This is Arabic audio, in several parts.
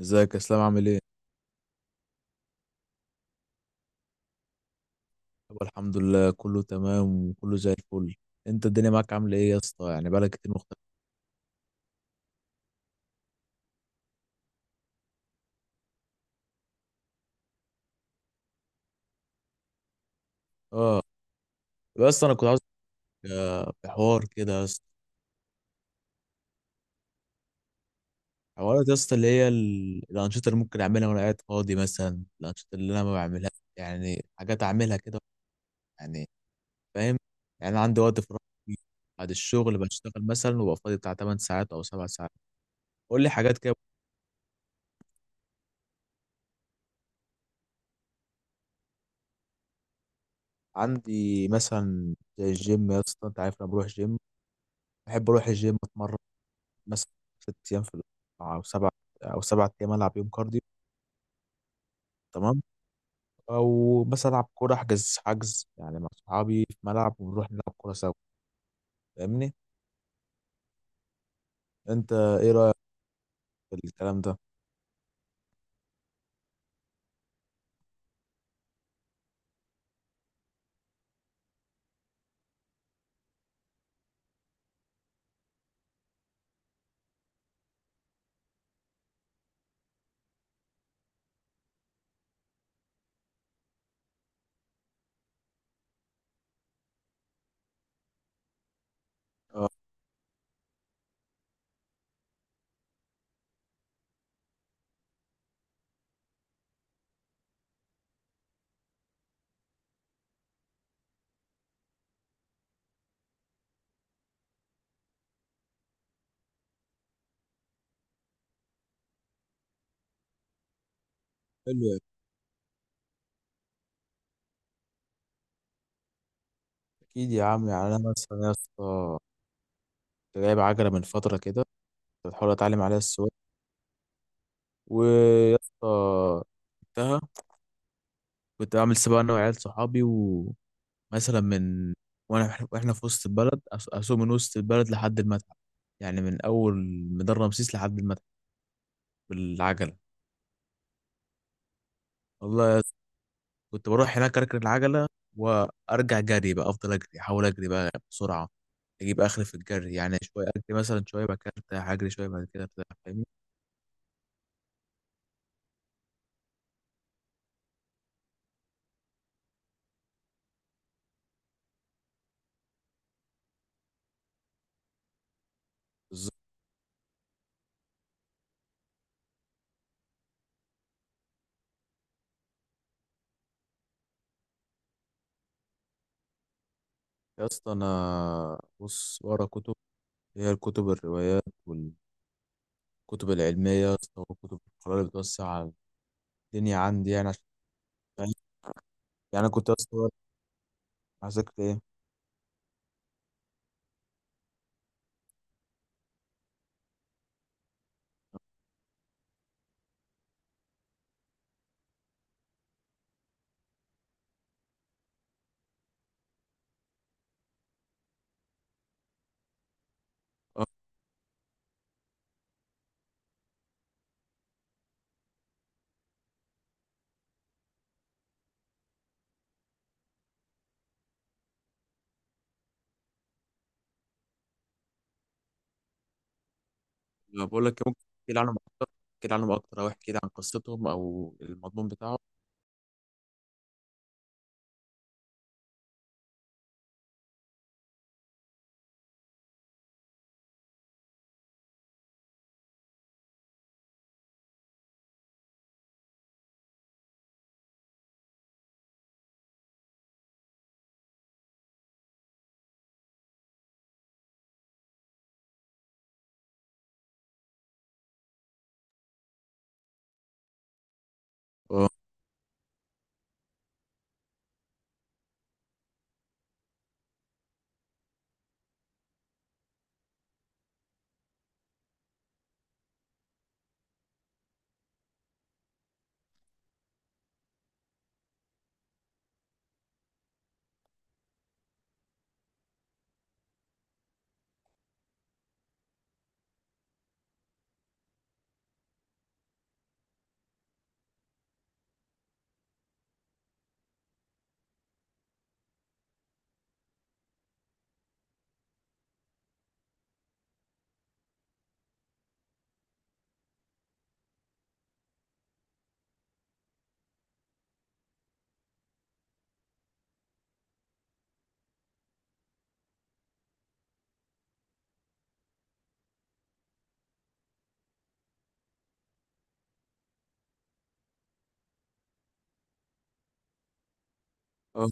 ازيك يا اسلام؟ عامل ايه؟ يابا الحمد لله، كله تمام وكله زي الفل. انت الدنيا معاك عامله ايه يا اسطى؟ يعني بقالك كتير مختلف. اه بس انا كنت عاوز، في حوار كده يا اسطى. حوارات يا اسطى، اللي هي الانشطه اللي ممكن اعملها وانا قاعد فاضي، مثلا الانشطه اللي انا ما بعملهاش. يعني حاجات اعملها كده، يعني فاهم. يعني انا عندي وقت فراغ كتير. بعد الشغل بشتغل مثلا وببقى فاضي بتاع 8 ساعات او 7 ساعات. قول لي حاجات كده. عندي مثلا زي الجيم يا اسطى، انت عارف انا بروح جيم، بحب اروح الجيم اتمرن. مثلا 6 ايام في الاسبوع او سبع، او 7 ايام، العب يوم كارديو. تمام. او بس العب كوره، احجز حجز يعني مع صحابي في ملعب ونروح نلعب كوره سوا. فاهمني؟ انت ايه رايك في الكلام ده؟ اه، حلو. اكيد يا عم. يعني انا مثلا يا اسطى كنت جايب عجله من فتره كده، كنت بحاول اتعلم عليها السواقه. ويا اسطى جبتها. كنت بعمل سباق انا وعيال صحابي. مثلا واحنا في وسط البلد، اسوق من وسط البلد لحد المتحف، يعني من اول ميدان رمسيس لحد المتحف بالعجله. والله يا- كنت بروح هناك اركن العجله وارجع جري بقى، افضل اجري، احاول اجري بقى بسرعه، اجيب اخر في الجري. يعني شويه اجري مثلا، شويه بعد كده ارتاح، اجري شويه بعد كده ارتاح. فاهمني؟ بالظبط. يا اسطى انا بص ورا كتب، هي الكتب، الروايات والكتب العلميه يا اسطى، والكتب القراءه اللي بتوسع الدنيا عندي، يعني عشان فاهم؟ يعني انا كنت يا اسطى عايزك ايه. آه، بقول لك ممكن تحكي لي عنهم اكتر، او احكي لي عن قصتهم او المضمون بتاعهم. اه اه.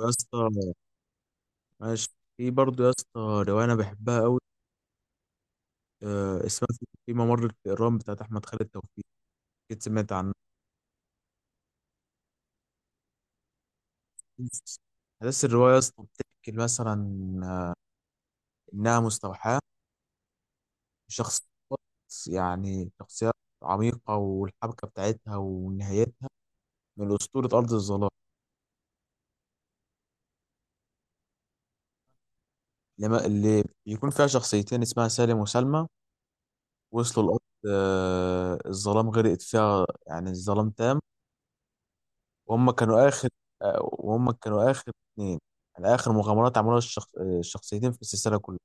يا اسطى ماشي. في برضه يا اسطى روايه انا بحبها قوي، آه، اسمها في ممر الفئران، بتاعت احمد خالد توفيق. اكيد سمعت عنها. احداث الروايه يا اسطى بتحكي مثلا انها مستوحاه. شخص يعني شخصيات عميقه، والحبكه بتاعتها ونهايتها من اسطوره ارض الظلام. اللي بيكون فيها شخصيتين اسمها سالم وسلمى، وصلوا الأرض. آه، الظلام غرقت فيها، يعني الظلام تام. وهم كانوا آخر وهم كانوا آخر اتنين. يعني آخر مغامرات عملوها الشخصيتين في السلسلة كلها.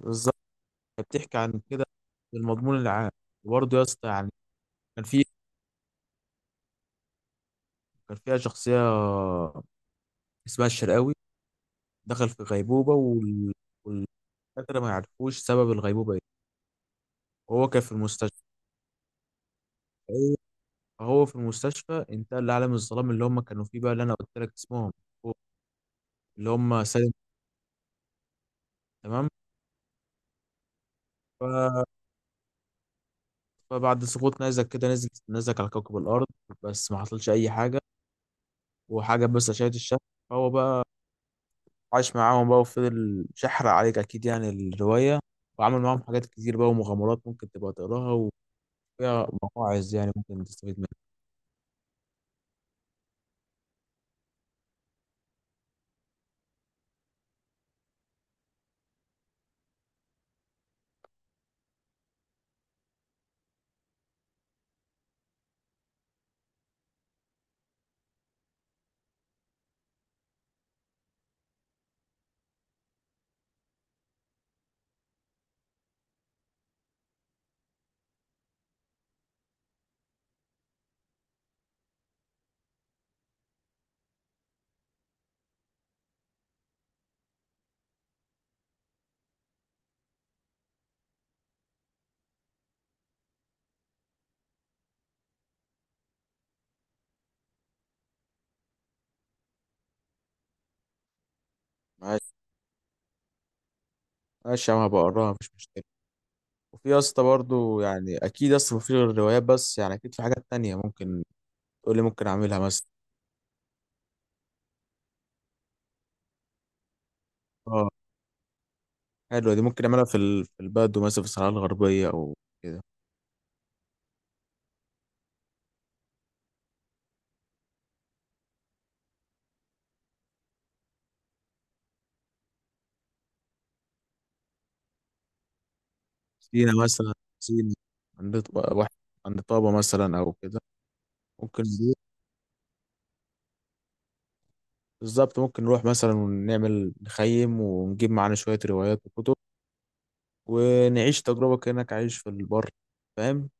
بالظبط. بتحكي عن كده المضمون العام. وبرضه يا اسطى يعني كان في كان فيها شخصية اسمها الشرقاوي، دخل في غيبوبة والدكاترة ما يعرفوش سبب الغيبوبة ايه. وهو كان في المستشفى. فهو في المستشفى انتقل لعالم الظلام اللي هم كانوا فيه بقى، اللي انا قلت لك اسمهم اللي هم سالم. تمام. ف- فبعد سقوط نيزك كده، نزل نيزك على كوكب الأرض، بس ما حصلش أي حاجة، وحاجة بس أشعة الشمس. فهو بقى عاش معاهم بقى، وفضل شحر عليك أكيد يعني الرواية. وعمل معاهم حاجات كتير بقى، ومغامرات ممكن تبقى تقراها، وفيها مواعظ يعني ممكن تستفيد منها. ماشي ماشي يا عم، هبقى أقراها، مفيش مشكلة. وفي يا اسطى برضه، يعني أكيد يا اسطى مفيش غير الروايات بس، يعني أكيد في حاجات تانية ممكن تقول لي ممكن أعملها مثلا. اه، حلوة دي. ممكن أعملها في في البدو مثلا، في الصحراء الغربية أو كده. سينا مثلا، سينا. عند واحد، عند طابة مثلا أو كده. ممكن نروح- بالظبط، ممكن نروح مثلا ونعمل نخيم، ونجيب معانا شوية روايات وكتب، ونعيش تجربة كأنك عايش في البر. فاهم.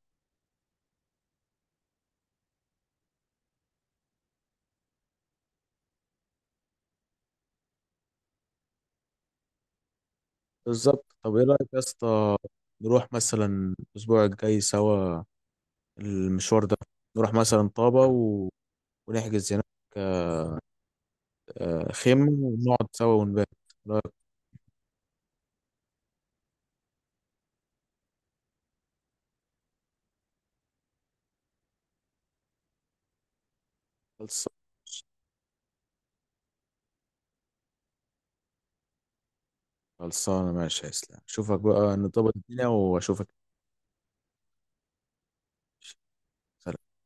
بالظبط. طب إيه رأيك يا اسطى، نروح مثلا الأسبوع الجاي سوا المشوار ده، نروح مثلا طابة ونحجز هناك آه، خيمة، ونقعد سوا ونبات. إيه رأيك؟ خلص- خلصانة ماشي يا اسلام، أشوفك بقى نظبط الدنيا وأشوفك. سلام.